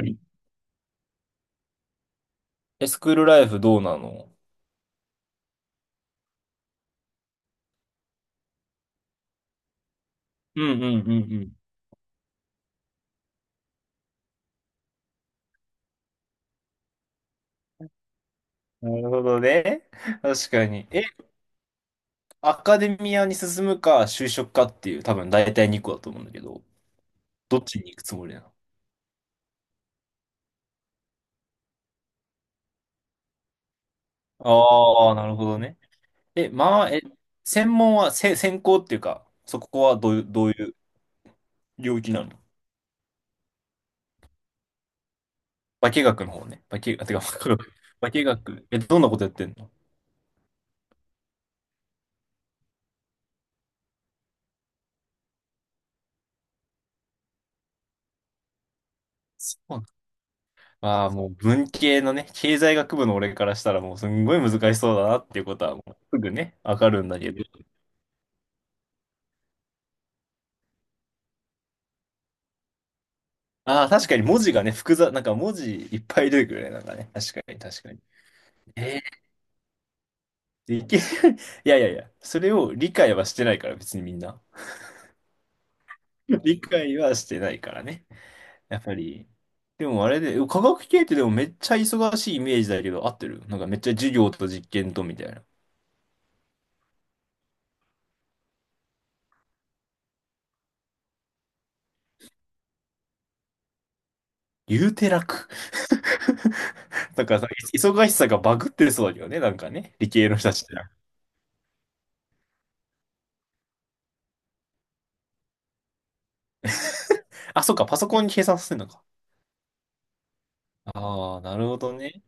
りスクールライフどうなの？うんうんうん。うん、なるほどね。確かに。アカデミアに進むか、就職かっていう、多分大体2個だと思うんだけど、どっちに行くつもりなの？ああー、なるほどね。え、まあ、え、専門は、専攻っていうか、そこはどういう、領域なの？化学の方ね。化学、あ、てか、化学、どんなことやってんの？そう。まあもう文系のね、経済学部の俺からしたらもうすんごい難しそうだなっていうことはもうすぐね、わかるんだけど。ああ、確かに文字がね、複雑、なんか文字いっぱい出てくるね、なんかね。確かに確かに。えいやいやいや、それを理解はしてないから別にみんな。理解はしてないからね。やっぱり。でもあれで、科学系ってでもめっちゃ忙しいイメージだけど、合ってる？なんかめっちゃ授業と実験とみたいな。言うて楽。だからさ、忙しさがバグってそうだけどね、なんかね。理系の人たちって。あ、そっか、パソコンに計算させるのか。ああ、なるほどね。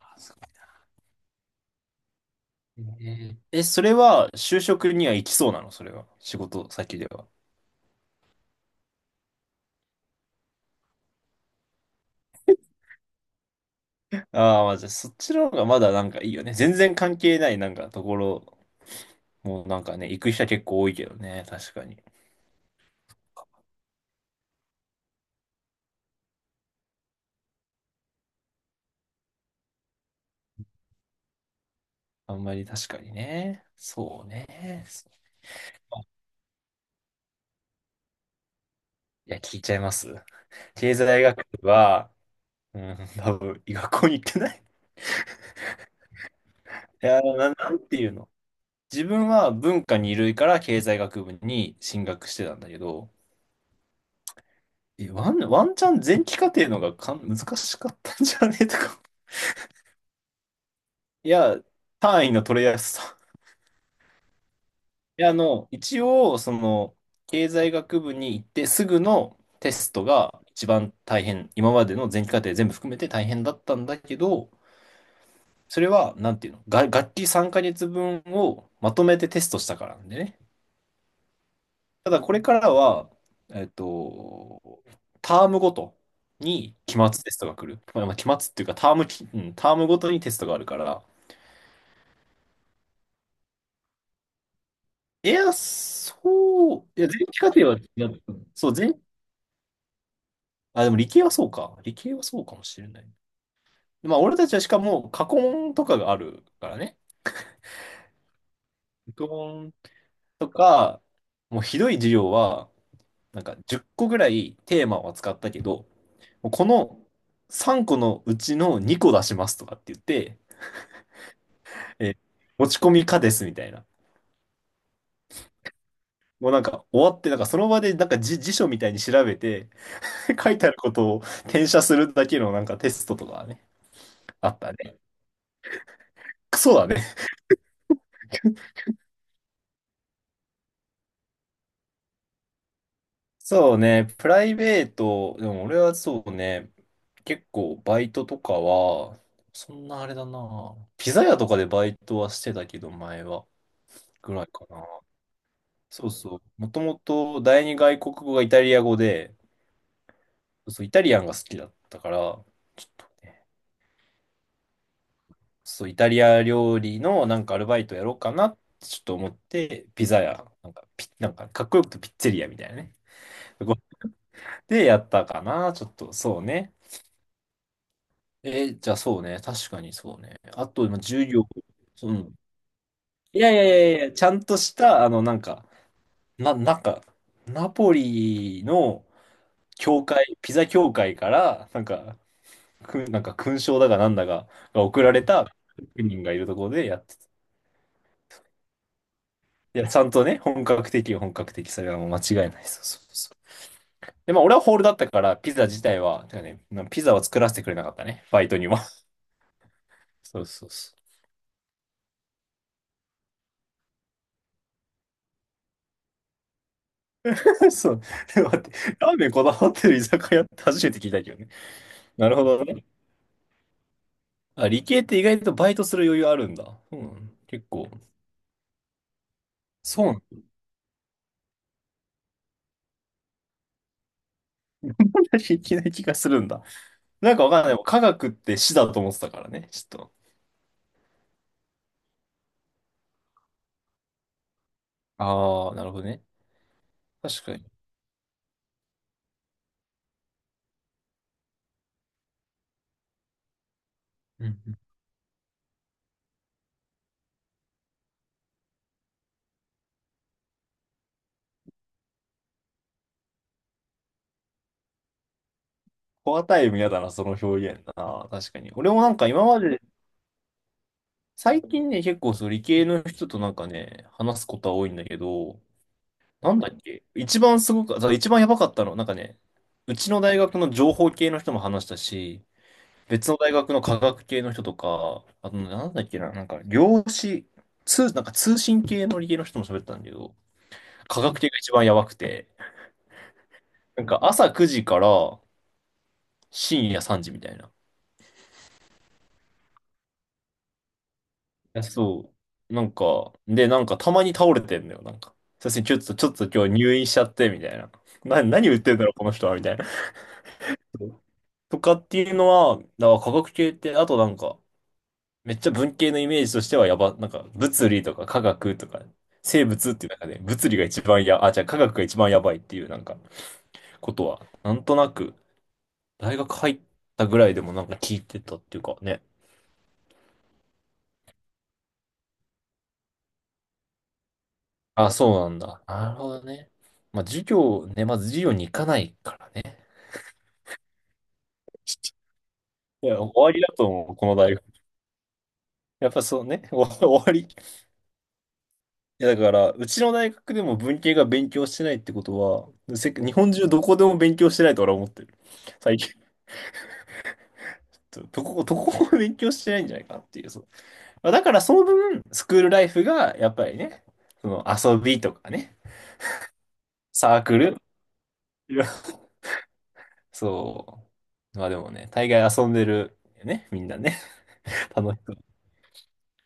あ、そう。ねえ、それは就職には行きそうなの？それは、仕事先では。ああ、まあ、じゃあそっちの方がまだなんかいいよね。全然関係ないなんかところ、もうなんかね、行く人は結構多いけどね。確かに。あんまり確かにね。そうね。いや、聞いちゃいます。経済学部は、うん、多分、学校に行ってない。いや、なんていうの？自分は文化二類から経済学部に進学してたんだけど、ワンチャン前期課程のが難しかったんじゃねえとか。いや、単位の取りやすさ。いや、あの、一応、その、経済学部に行ってすぐのテストが一番大変、今までの前期課程全部含めて大変だったんだけど、それは、なんていうのが、学期3ヶ月分をまとめてテストしたからなんでね。ただこれからは、えっと、タームごとに期末テストが来る。まあ期末っていうかタームき、うん、タームごとにテストがあるから。いや、そう、いや、前期課程は、いや。そう、あ、でも理系はそうか。理系はそうかもしれない。まあ、俺たちはしかも過去問とかがあるからね。過去問とか、もうひどい授業は、なんか10個ぐらいテーマを扱ったけど、もうこの3個のうちの2個出しますとかって言って、えー持ち込み可ですみたいな。もうなんか終わって、なんかその場でなんか辞書みたいに調べて 書いてあることを転写するだけのなんかテストとかね、あったね。クソだね。そうね、プライベート、でも俺はそうね、結構バイトとかは、そんなあれだな。ピザ屋とかでバイトはしてたけど、前は。ぐらいかな。そうそう。もともと第二外国語がイタリア語で、そう、イタリアンが好きだったから、ちょっとねそう、イタリア料理のなんかアルバイトやろうかなってちょっと思って、ピザ屋、なんかピ、なんかかっこよくてピッツェリアみたいなね。ごで、やったかな、ちょっと、そうね。じゃあそうね、確かにそうね。あと、まあ重量、うん。いやいやいやいや、ちゃんとした、あの、なんか、なんか、ナポリの教会、ピザ教会から、なんか、なんか勲章だかなんだかが送られた職人がいるところでやって。いや、ちゃんとね、本格的、本格的、それはもう間違いない。そうそうそう。で、まあ、俺はホールだったから、ピザ自体は、てかね、ピザは作らせてくれなかったね、バイトには。そうそうそう。そう。で待って、ラーメンこだわってる居酒屋って初めて聞いたけどね。なるほどね。あ、理系って意外とバイトする余裕あるんだ。うん。結構。そうなんだ。いきな気がするんだ。なんかわかんない。科学って死だと思ってたからね、ちょっと。ああ、なるほどね。確かに。うんうん。コアタイム嫌だな、その表現だな。確かに。俺もなんか今まで最近ね、結構その理系の人となんかね、話すことは多いんだけど、なんだっけ一番すごく、そう一番やばかったの、なんかね、うちの大学の情報系の人も話したし、別の大学の科学系の人とか、あとねなんだっけな、なんか量子、なんか通信系の理系の人も喋ったんだけど、科学系が一番やばくて、なんか朝9時から深夜3時みたいな。や、そう。なんか、で、なんかたまに倒れてんだよ、なんか。さすがにちょっと今日入院しちゃって、みたいな。何言ってんだろう、この人は、みたいな。そうとかっていうのは、だから科学系って、あとなんか、めっちゃ文系のイメージとしてはなんか、物理とか科学とか、生物っていう中で、物理が一番あ、じゃあ科学が一番やばいっていう、なんか、ことは、なんとなく、大学入ったぐらいでもなんか聞いてたっていうかね。あ、そうなんだ。なるほどね。まあ、授業ね、まず授業に行かないからね。いや、終わりだと思う、この大学。やっぱそうね、お終わり。いや、だから、うちの大学でも文系が勉強してないってことは、日本中どこでも勉強してないと俺は思ってる。最近。どこも勉強してないんじゃないかなっていう。そう。まあだからその分、スクールライフが、やっぱりね、その遊びとかね、サークル。いやそう。まあでもね、大概遊んでるよね、みんなね。楽しそう。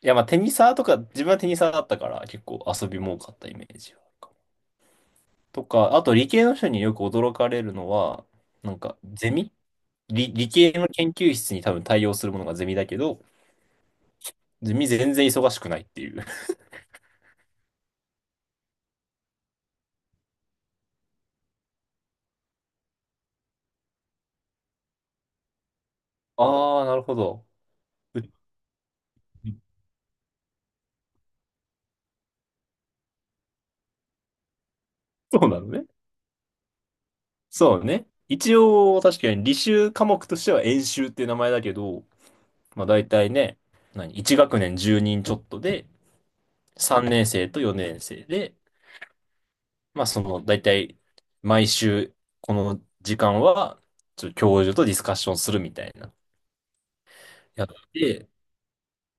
いや、まあテニサーとか、自分はテニサーだったから、結構遊びも多かったイメージは。とか、あと理系の人によく驚かれるのは、なんか、ゼミ理系の研究室に多分対応するものがゼミだけど、ゼミ全然忙しくないっていう。ああ、なるほど。うそうなのね。そうね。一応、確かに履修科目としては演習っていう名前だけど、まあ大体ね、1学年10人ちょっとで、3年生と4年生で、まあその大体、毎週この時間は、ちょっと教授とディスカッションするみたいな。やって、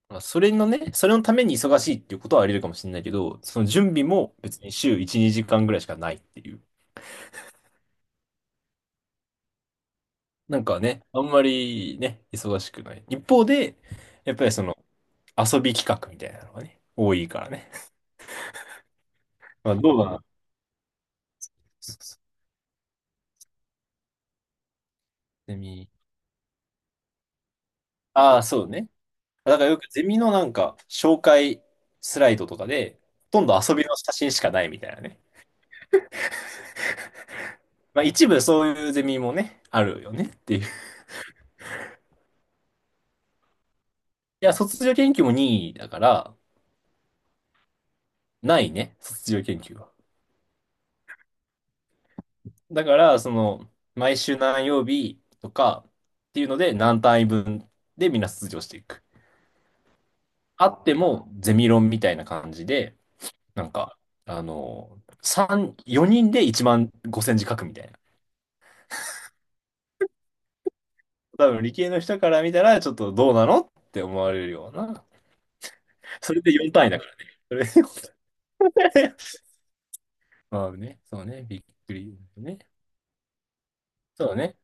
まあ、それのために忙しいっていうことはあり得るかもしれないけど、その準備も別に週1、2時間ぐらいしかないっていう。なんかね、あんまりね、忙しくない。一方で、やっぱりその遊び企画みたいなのがね、多いからね。まあどうだな。そうそう。ゼミ。ああ、そうね。だからよくゼミのなんか紹介スライドとかで、ほとんど遊びの写真しかないみたいなね。まあ一部そういうゼミもね、あるよねっていう。いや、卒業研究も任意だから、ないね、卒業研究は。だから、その、毎週何曜日とかっていうので、何単位分でみんな卒業していく。あっても、ゼミ論みたいな感じで、なんか、あの、3、4人で1万5千字書くみたいな。多分理系の人から見たら、ちょっとどうなのって思われるような。それで4単位だからね。それでよん単位 まあね、そうね、びっくりね。そうね。